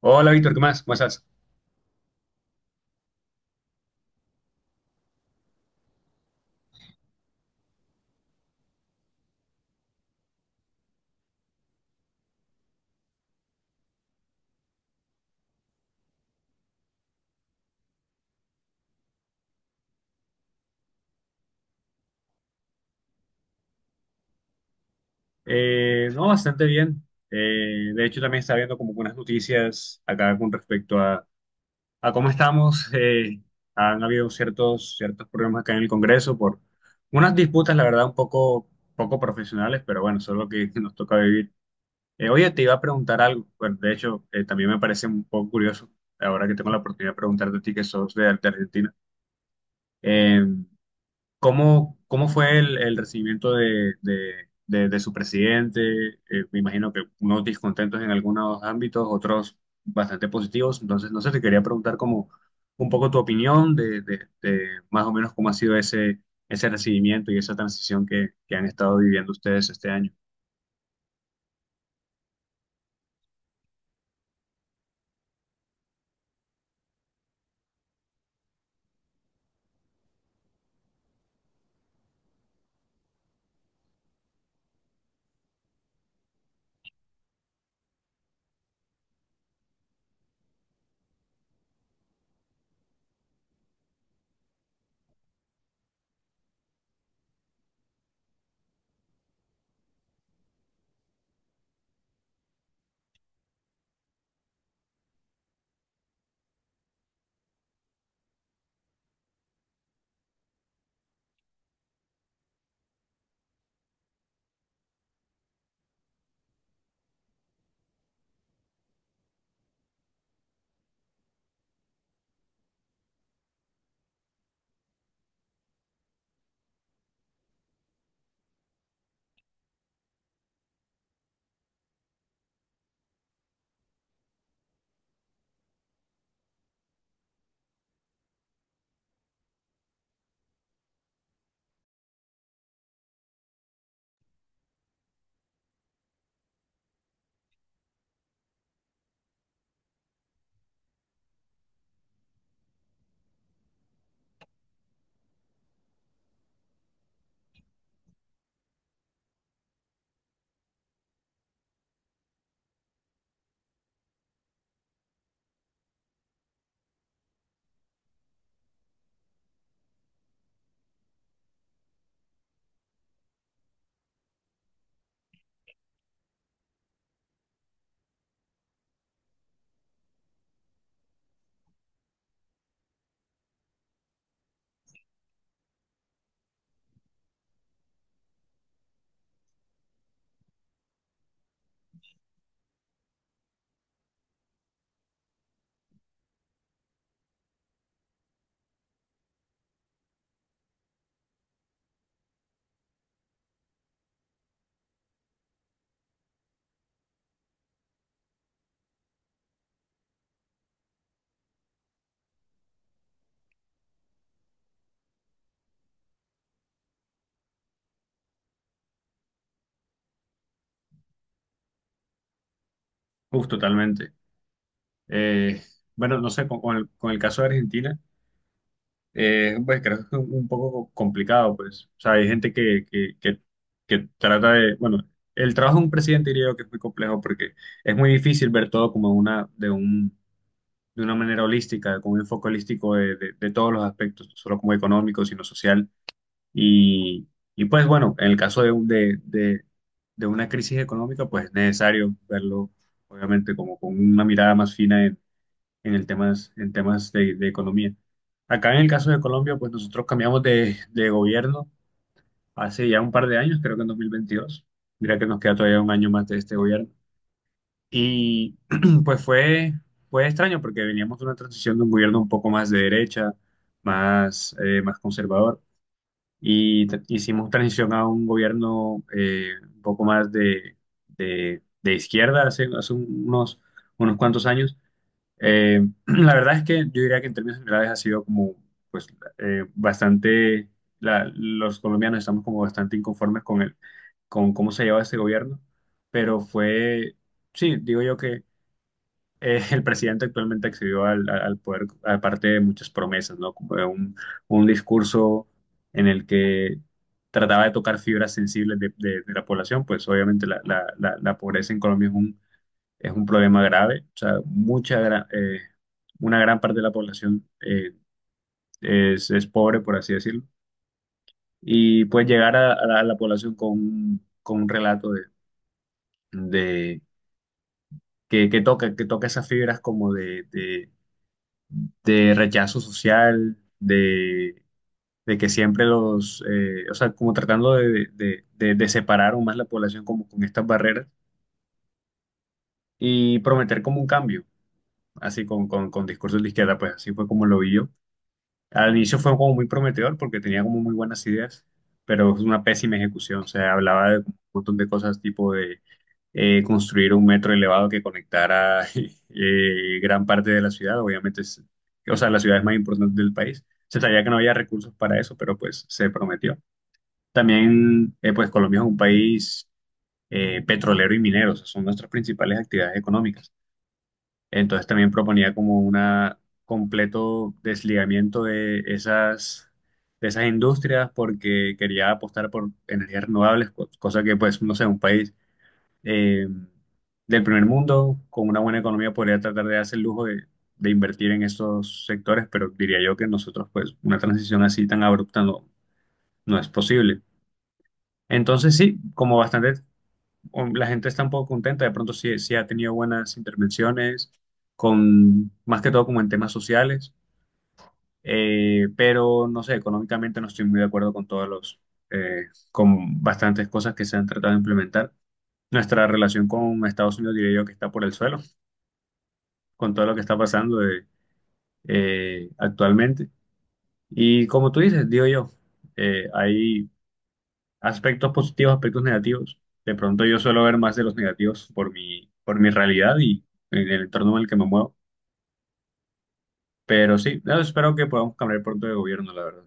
Hola Víctor, ¿qué más? ¿Cómo estás? No, bastante bien. De hecho, también estaba viendo como unas noticias acá con respecto a cómo estamos. Han habido ciertos problemas acá en el Congreso por unas disputas, la verdad, poco profesionales, pero bueno, eso es lo que nos toca vivir. Oye, te iba a preguntar algo. Bueno, de hecho, también me parece un poco curioso, ahora que tengo la oportunidad de preguntarte a ti que sos de Argentina. Eh, cómo fue el recibimiento de su presidente? Me imagino que unos discontentos en algunos ámbitos, otros bastante positivos. Entonces, no sé, te quería preguntar como un poco tu opinión de más o menos cómo ha sido ese recibimiento y esa transición que han estado viviendo ustedes este año. Uf, totalmente. Eh, bueno, no sé, con el caso de Argentina. Pues creo que es un poco complicado, pues. O sea, hay gente que trata de, bueno, el trabajo de un presidente diría yo que es muy complejo porque es muy difícil ver todo como de una manera holística, con un enfoque holístico de todos los aspectos, no solo como económico, sino social. Y, y pues bueno, en el caso de, un- de una crisis económica, pues es necesario verlo, obviamente, como con una mirada más fina en en temas de economía. Acá en el caso de Colombia, pues nosotros cambiamos de gobierno hace ya un par de años, creo que en 2022. Mira que nos queda todavía un año más de este gobierno. Y pues fue, fue extraño porque veníamos de una transición de un gobierno un poco más de derecha, más, más conservador. Y hicimos transición a un gobierno un poco más de izquierda hace unos cuantos años. La verdad es que yo diría que en términos generales ha sido como, pues, bastante, los colombianos estamos como bastante inconformes con con cómo se lleva este gobierno, pero fue, sí, digo yo que el presidente actualmente accedió al poder, aparte de muchas promesas, ¿no? Como de un discurso en el que trataba de tocar fibras sensibles de la población, pues obviamente la pobreza en Colombia es un problema grave. O sea, una gran parte de la población es pobre, por así decirlo. Y pues llegar a la población con un relato de- que toca esas fibras como de rechazo social, de que siempre los, o sea, como tratando de separar aún más la población como con estas barreras y prometer como un cambio, así con discursos de izquierda, pues así fue como lo vi yo. Al inicio fue como muy prometedor porque tenía como muy buenas ideas, pero es una pésima ejecución. O sea, hablaba de un montón de cosas tipo de construir un metro elevado que conectara gran parte de la ciudad, obviamente, o sea, la ciudad es más importante del país. Se sabía que no había recursos para eso, pero pues se prometió. También, pues Colombia es un país petrolero y minero, o sea, son nuestras principales actividades económicas. Entonces también proponía como un completo desligamiento de esas industrias porque quería apostar por energías renovables, cosa que pues, no sé, un país eh, del primer mundo con una buena economía podría tratar de darse el lujo de invertir en esos sectores, pero diría yo que nosotros pues una transición así tan abrupta no es posible. Entonces sí, como bastante o la gente está un poco contenta, de pronto sí, sí ha tenido buenas intervenciones, con, más que todo como en temas sociales, pero no sé, económicamente no estoy muy de acuerdo con todos los, eh, con bastantes cosas que se han tratado de implementar. Nuestra relación con Estados Unidos diría yo que está por el suelo, con todo lo que está pasando actualmente. Y como tú dices, digo yo, hay aspectos positivos, aspectos negativos. De pronto yo suelo ver más de los negativos por por mi realidad y en el entorno en el que me muevo. Pero sí, no, espero que podamos cambiar pronto de gobierno, la verdad.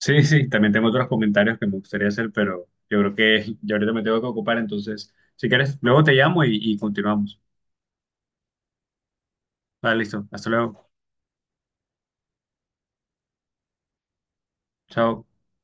Sí, sí, también tengo otros comentarios que me gustaría hacer, pero yo creo que yo ahorita me tengo que ocupar, entonces, si quieres, luego te llamo y continuamos. Vale, listo. Hasta luego. Chao.